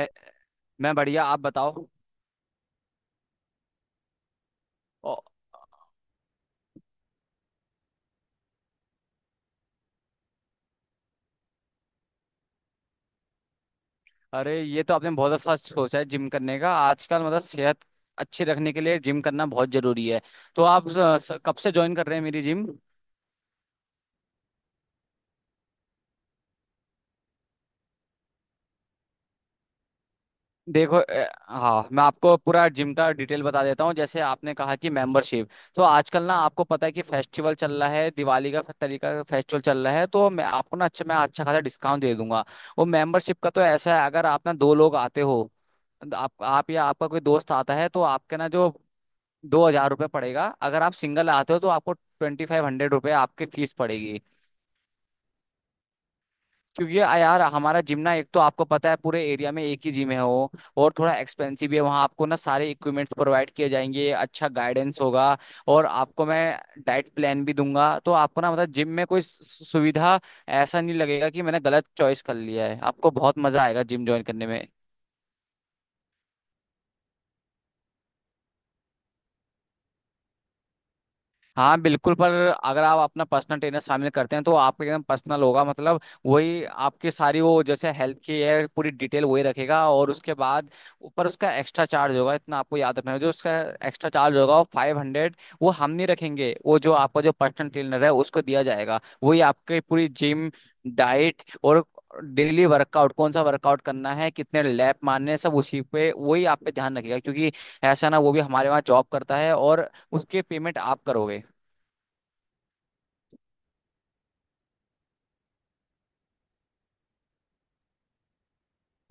है- मैं बढ़िया। आप बताओ। ओ, अरे, ये तो आपने बहुत अच्छा सोचा है जिम करने का। आजकल मतलब सेहत अच्छी रखने के लिए जिम करना बहुत जरूरी है। तो आप कब से ज्वाइन कर रहे हैं मेरी जिम? देखो, हाँ, मैं आपको पूरा जिम का डिटेल बता देता हूँ। जैसे आपने कहा कि मेंबरशिप, तो आजकल ना आपको पता है कि फेस्टिवल चल रहा है, दिवाली का तरीका का फेस्टिवल चल रहा है, तो मैं आपको ना, अच्छा, मैं अच्छा खासा डिस्काउंट दे दूंगा वो मेंबरशिप का। तो ऐसा है, अगर आप ना दो लोग आते हो, आप या आपका कोई दोस्त आता है, तो आपके ना जो ₹2,000 पड़ेगा। अगर आप सिंगल आते हो तो आपको ₹2500 आपकी फीस पड़ेगी। क्योंकि यार, हमारा जिम ना, एक तो आपको पता है पूरे एरिया में एक ही जिम है वो, और थोड़ा एक्सपेंसिव भी है। वहाँ आपको ना सारे इक्विपमेंट्स प्रोवाइड किए जाएंगे, अच्छा गाइडेंस होगा, और आपको मैं डाइट प्लान भी दूंगा। तो आपको ना मतलब जिम में कोई सुविधा, ऐसा नहीं लगेगा कि मैंने गलत चॉइस कर लिया है। आपको बहुत मजा आएगा जिम ज्वाइन करने में। हाँ बिल्कुल, पर अगर आप अपना पर्सनल ट्रेनर शामिल करते हैं तो आपका एकदम पर्सनल होगा। मतलब वही आपकी सारी वो, जैसे हेल्थ की है पूरी डिटेल, वही रखेगा। और उसके बाद ऊपर उसका एक्स्ट्रा चार्ज होगा, इतना आपको याद रखना है। जो उसका एक्स्ट्रा चार्ज होगा वो 500, वो हम नहीं रखेंगे, वो जो आपका जो पर्सनल ट्रेनर है उसको दिया जाएगा। वही आपकी पूरी जिम डाइट और डेली वर्कआउट, कौन सा वर्कआउट करना है, कितने लैप मारने हैं, सब उसी पे वही आप पे ध्यान रखेगा। क्योंकि ऐसा ना, वो भी हमारे वहाँ जॉब करता है, और उसके पेमेंट आप करोगे।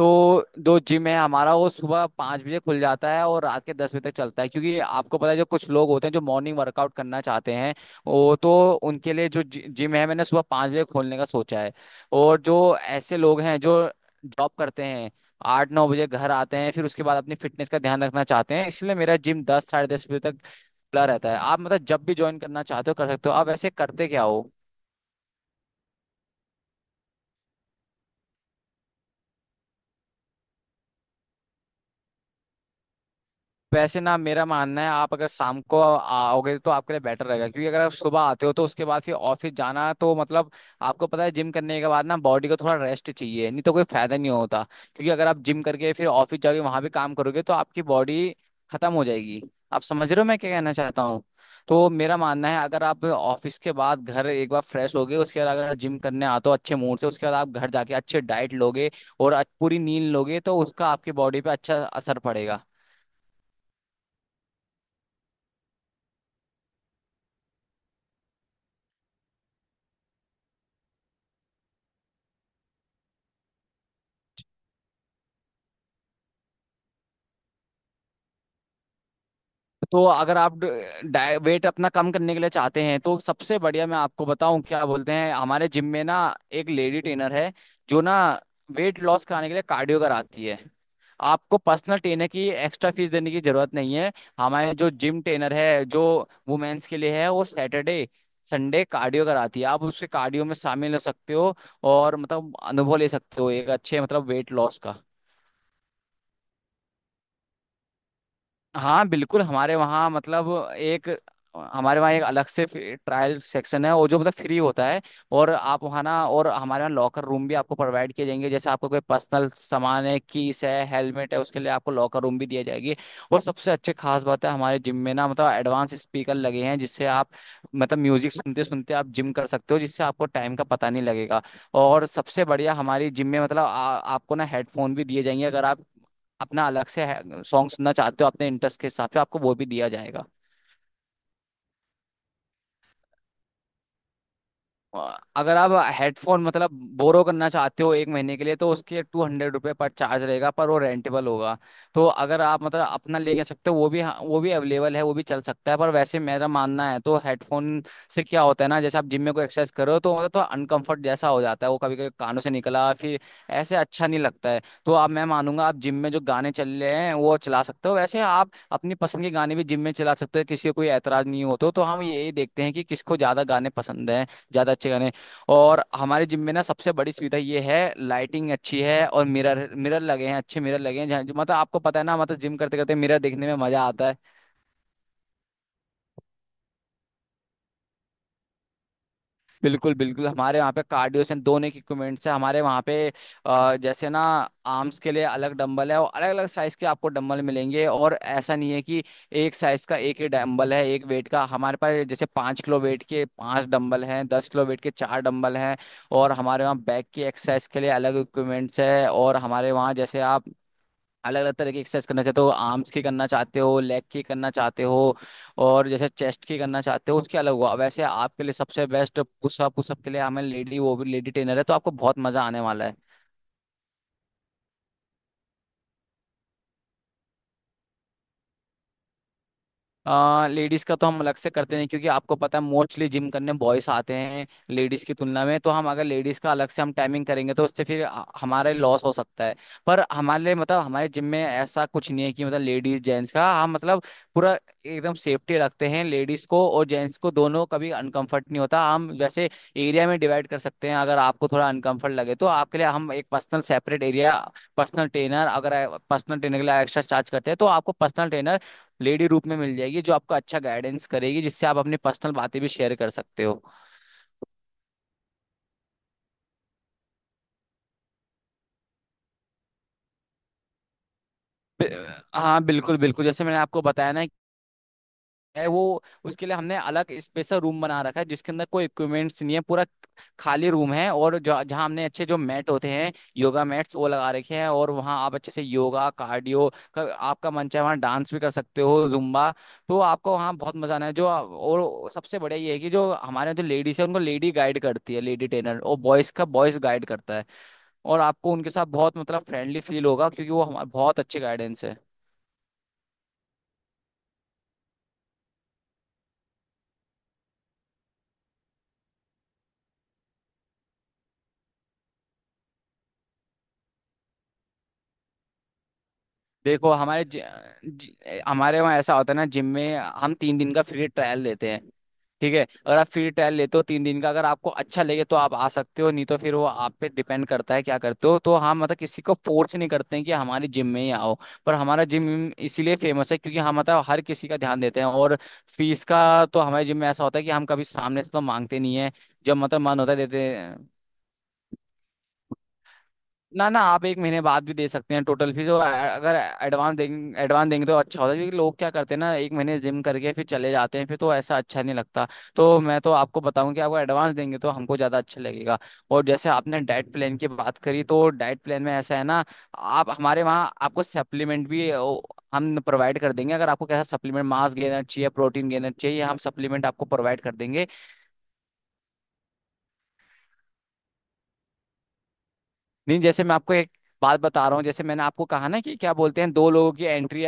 तो जो जिम है हमारा वो सुबह 5 बजे खुल जाता है और रात के 10 बजे तक चलता है, क्योंकि आपको पता है जो कुछ लोग होते हैं जो मॉर्निंग वर्कआउट करना चाहते हैं, वो तो, उनके लिए जो जिम है मैंने सुबह 5 बजे खोलने का सोचा है। और जो ऐसे लोग हैं जो जॉब करते हैं, 8 9 बजे घर आते हैं, फिर उसके बाद अपनी फिटनेस का ध्यान रखना चाहते हैं, इसलिए मेरा जिम 10 साढ़े 10 बजे तक खुला रहता है। आप मतलब जब भी ज्वाइन करना चाहते हो कर सकते हो। आप ऐसे करते क्या हो? वैसे ना मेरा मानना है, आप अगर शाम को आओगे तो आपके लिए बेटर रहेगा। क्योंकि अगर आप सुबह आते हो तो उसके बाद फिर ऑफिस जाना, तो मतलब आपको पता है जिम करने के बाद ना बॉडी को थोड़ा रेस्ट चाहिए, नहीं तो कोई फायदा नहीं होता। क्योंकि अगर आप जिम करके फिर ऑफिस जाके वहां भी काम करोगे तो आपकी बॉडी खत्म हो जाएगी। आप समझ रहे हो मैं क्या कहना चाहता हूँ? तो मेरा मानना है अगर आप ऑफिस के बाद घर एक बार फ्रेश होगे, उसके बाद अगर जिम करने आते हो अच्छे मूड से, उसके बाद आप घर जाके अच्छे डाइट लोगे और पूरी नींद लोगे, तो उसका आपकी बॉडी पे अच्छा असर पड़ेगा। तो अगर आप वेट अपना कम करने के लिए चाहते हैं तो सबसे बढ़िया मैं आपको बताऊं, क्या बोलते हैं, हमारे जिम में ना एक लेडी ट्रेनर है जो ना वेट लॉस कराने के लिए कार्डियो कराती है। आपको पर्सनल ट्रेनर की एक्स्ट्रा फीस देने की जरूरत नहीं है। हमारे जो जिम ट्रेनर है जो वुमेन्स के लिए है वो सैटरडे संडे कार्डियो कराती है। आप उसके कार्डियो में शामिल हो सकते हो और मतलब अनुभव ले सकते हो एक अच्छे मतलब वेट लॉस का। हाँ बिल्कुल, हमारे वहाँ मतलब एक, हमारे वहाँ एक अलग से ट्रायल सेक्शन है, वो जो मतलब फ्री होता है। और आप वहाँ ना, और हमारे वहाँ लॉकर रूम भी आपको प्रोवाइड किए जाएंगे, जैसे आपको कोई पर्सनल सामान है, कीस है, हेलमेट है, उसके लिए आपको लॉकर रूम भी दिया जाएगी। और सबसे अच्छे खास बात है हमारे जिम में ना मतलब एडवांस स्पीकर लगे हैं, जिससे आप मतलब म्यूजिक सुनते सुनते आप जिम कर सकते हो, जिससे आपको टाइम का पता नहीं लगेगा। और सबसे बढ़िया हमारी जिम में मतलब आपको ना हेडफोन भी दिए जाएंगे अगर आप अपना अलग से सॉन्ग सुनना चाहते हो। अपने इंटरेस्ट के हिसाब से आपको वो भी दिया जाएगा। अ, अगर आप हेडफोन मतलब बोरो करना चाहते हो एक महीने के लिए, तो उसके ₹200 पर चार्ज रहेगा, पर वो रेंटेबल होगा। तो अगर आप मतलब अपना ले जा सकते हो वो भी, हाँ, वो भी अवेलेबल है, वो भी चल सकता है। पर वैसे मेरा मानना है, तो हेडफोन से क्या होता है ना, जैसे आप जिम में कोई एक्सरसाइज करो तो मतलब तो अनकंफर्ट जैसा हो जाता है, वो कभी कभी कानों से निकला फिर ऐसे अच्छा नहीं लगता है। तो आप, मैं मानूंगा, आप जिम में जो गाने चल रहे हैं वो चला सकते हो। वैसे आप अपनी पसंद के गाने भी जिम में चला सकते हो, किसी को कोई एतराज नहीं हो तो हम यही देखते हैं कि किसको ज्यादा गाने पसंद है, ज़्यादा अच्छे गाने। और हमारे जिम में ना सबसे बड़ी सुविधा ये है, लाइटिंग अच्छी है, और मिरर, मिरर लगे हैं, अच्छे मिरर लगे हैं, जहाँ जो मतलब आपको पता है ना मतलब जिम करते करते मिरर देखने में मजा आता है। बिल्कुल बिल्कुल, हमारे वहाँ पे कार्डियोसेन दोनों के इक्विपमेंट्स है हमारे वहाँ पे। जैसे ना आर्म्स के लिए अलग डंबल है और अलग अलग साइज के आपको डंबल मिलेंगे। और ऐसा नहीं है कि एक साइज का एक ही डंबल है एक वेट का, हमारे पास जैसे 5 किलो वेट के 5 डंबल हैं, 10 किलो वेट के 4 डंबल हैं। और हमारे वहाँ बैक की एक्सरसाइज के लिए अलग इक्विपमेंट्स है। और हमारे वहाँ जैसे आप अलग अलग तरह की एक्सरसाइज करना चाहते हो, आर्म्स की करना चाहते हो, लेग की करना चाहते हो, और जैसे चेस्ट की करना चाहते हो उसके अलग हुआ। वैसे आपके लिए सबसे बेस्ट पुशअप, पुशअप के लिए हमें लेडी, वो भी लेडी ट्रेनर है, तो आपको बहुत मजा आने वाला है। लेडीज का तो हम अलग से करते नहीं, क्योंकि आपको पता है मोस्टली जिम करने बॉयज आते हैं लेडीज की तुलना में। तो हम अगर लेडीज का अलग से हम टाइमिंग करेंगे तो उससे फिर हमारे लॉस हो सकता है। पर हमारे लिए मतलब हमारे जिम में ऐसा कुछ नहीं है कि मतलब लेडीज जेंट्स का, हम मतलब पूरा एकदम सेफ्टी रखते हैं, लेडीज को और जेंट्स को दोनों कभी अनकंफर्ट नहीं होता। हम वैसे एरिया में डिवाइड कर सकते हैं अगर आपको थोड़ा अनकंफर्ट लगे, तो आपके लिए हम एक personal separate area personal trainer, अगर पर्सनल ट्रेनर के लिए एक्स्ट्रा चार्ज करते हैं तो आपको पर्सनल ट्रेनर लेडी रूप में मिल जाएगी, जो आपको अच्छा गाइडेंस करेगी, जिससे आप अपनी पर्सनल बातें भी शेयर कर सकते हो। बि- हाँ बिल्कुल बिल्कुल, जैसे मैंने आपको बताया ना, है वो, उसके लिए हमने अलग स्पेशल रूम बना रखा है जिसके अंदर कोई इक्विपमेंट्स नहीं है, पूरा खाली रूम है, और जो जहाँ हमने अच्छे जो मैट होते हैं, योगा मैट्स वो लगा रखे हैं। और वहाँ आप अच्छे से योगा कार्डियो का, आपका मन चाहे वहाँ डांस भी कर सकते हो, जुम्बा। तो आपको वहाँ बहुत मजा आना है जो। और सबसे बढ़िया ये है कि जो हमारे यहाँ जो लेडीज है उनको लेडी गाइड करती है, लेडी ट्रेनर, और बॉयज का बॉयज गाइड करता है। और आपको उनके साथ बहुत मतलब फ्रेंडली फील होगा, क्योंकि वो हमारे बहुत अच्छे गाइडेंस है। देखो हमारे जि, जि, हमारे वहाँ ऐसा होता है ना, जिम में हम 3 दिन का फ्री ट्रायल देते हैं। ठीक है, अगर आप फ्री ट्रायल लेते हो 3 दिन का, अगर आपको अच्छा लगे तो आप आ सकते हो, नहीं तो फिर वो आप पे डिपेंड करता है क्या करते हो। तो हम मतलब किसी को फोर्स नहीं करते हैं कि हमारे जिम में ही आओ। पर हमारा जिम इसीलिए फेमस है क्योंकि हम मतलब हर किसी का ध्यान देते हैं। और फीस का तो हमारे जिम में ऐसा होता है कि हम कभी सामने से तो मांगते नहीं है, जब मतलब मन होता है देते हैं। ना ना, आप एक महीने बाद भी दे सकते हैं टोटल फीस। और अगर एडवांस देंगे, एडवांस देंगे तो अच्छा होता है क्योंकि लोग क्या करते हैं ना, एक महीने जिम करके फिर चले जाते हैं, फिर तो ऐसा अच्छा नहीं लगता। तो मैं तो आपको बताऊं कि आपको एडवांस देंगे तो हमको ज़्यादा अच्छा लगेगा। और जैसे आपने डाइट प्लान की बात करी तो डाइट प्लान में ऐसा है ना, आप हमारे वहाँ, आपको सप्लीमेंट भी हम प्रोवाइड कर देंगे। अगर आपको कैसा सप्लीमेंट, मास गेनर चाहिए, प्रोटीन गेनर चाहिए, हम सप्लीमेंट आपको प्रोवाइड कर देंगे। नहीं, जैसे मैं आपको एक बात बता रहा हूँ, जैसे मैंने आपको कहा ना कि क्या बोलते हैं दो लोगों की एंट्री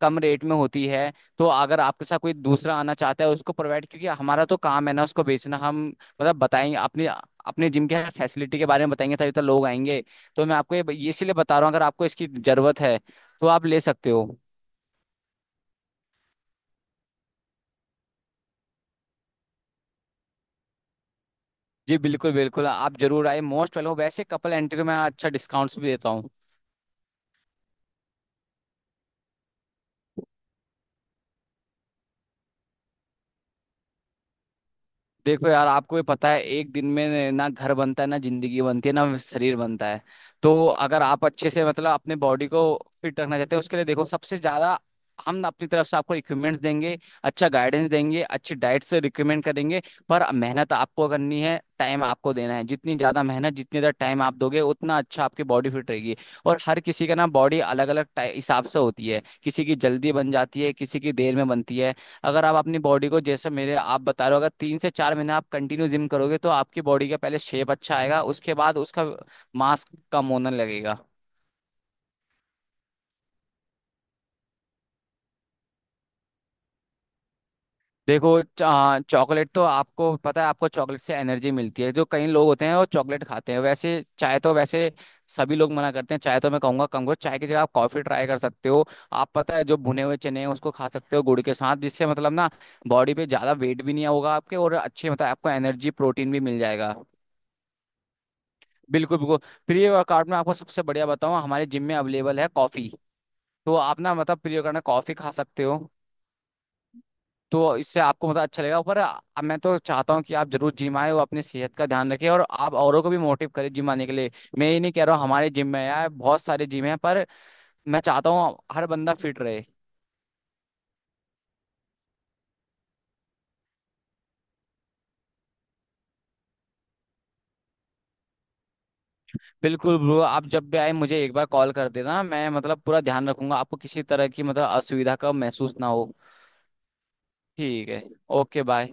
कम रेट में होती है। तो अगर आपके साथ कोई दूसरा आना चाहता है उसको प्रोवाइड, क्योंकि हमारा तो काम है ना उसको बेचना, हम मतलब बताएंगे अपने अपने जिम के फैसिलिटी के बारे में, बताएंगे तभी तो लोग आएंगे। तो मैं आपको ये इसीलिए बता रहा हूँ, अगर आपको इसकी जरूरत है तो आप ले सकते हो। जी बिल्कुल बिल्कुल, आप जरूर आए, मोस्ट वेलकम। वैसे कपल एंट्री में अच्छा डिस्काउंट्स भी देता हूँ। देखो यार, आपको भी पता है, एक दिन में ना घर बनता है, ना जिंदगी बनती है, ना शरीर बनता है। तो अगर आप अच्छे से मतलब अपने बॉडी को फिट रखना चाहते हैं उसके लिए, देखो सबसे ज्यादा हम अपनी तरफ से आपको इक्विपमेंट्स देंगे, अच्छा गाइडेंस देंगे, अच्छी डाइट से रिकमेंड करेंगे, पर मेहनत आपको करनी है, टाइम आपको देना है। जितनी ज्यादा मेहनत, जितनी ज्यादा टाइम आप दोगे उतना अच्छा आपकी बॉडी फिट रहेगी। और हर किसी का ना बॉडी अलग अलग हिसाब से होती है, किसी की जल्दी बन जाती है, किसी की देर में बनती है। अगर आप अपनी बॉडी को, जैसे मेरे आप बता रहे हो, अगर 3 से 4 महीने आप कंटिन्यू जिम करोगे तो आपकी बॉडी का पहले शेप अच्छा आएगा, उसके बाद उसका मास कम होने लगेगा। देखो, चॉकलेट तो आपको पता है आपको चॉकलेट से एनर्जी मिलती है, जो कई लोग होते हैं वो चॉकलेट खाते हैं, वैसे चाय तो वैसे सभी लोग मना करते हैं, चाय तो मैं कहूंगा कम करो, चाय की जगह आप कॉफी ट्राई कर सकते हो। आप पता है जो भुने हुए चने हैं उसको खा सकते हो गुड़ के साथ, जिससे मतलब ना बॉडी पे ज्यादा वेट भी नहीं होगा आपके, और अच्छे मतलब आपको एनर्जी प्रोटीन भी मिल जाएगा। बिल्कुल बिल्कुल, प्री वर्कआउट में आपको सबसे बढ़िया बताऊँ, हमारे जिम में अवेलेबल है कॉफ़ी। तो आप ना मतलब प्री वर्कआउट में कॉफ़ी खा सकते हो। तो इससे आपको मतलब अच्छा लगेगा। पर मैं तो चाहता हूँ कि आप जरूर जिम आए और अपनी सेहत का ध्यान रखें और आप औरों को भी मोटिव करें जिम आने के लिए। मैं ये नहीं कह रहा हूँ हमारे जिम में आया, बहुत सारे जिम हैं, पर मैं चाहता हूँ हर बंदा फिट रहे। बिल्कुल ब्रो, आप जब भी आए मुझे एक बार कॉल कर देना, मैं मतलब पूरा ध्यान रखूंगा आपको किसी तरह की मतलब असुविधा का महसूस ना हो। ठीक है, ओके बाय।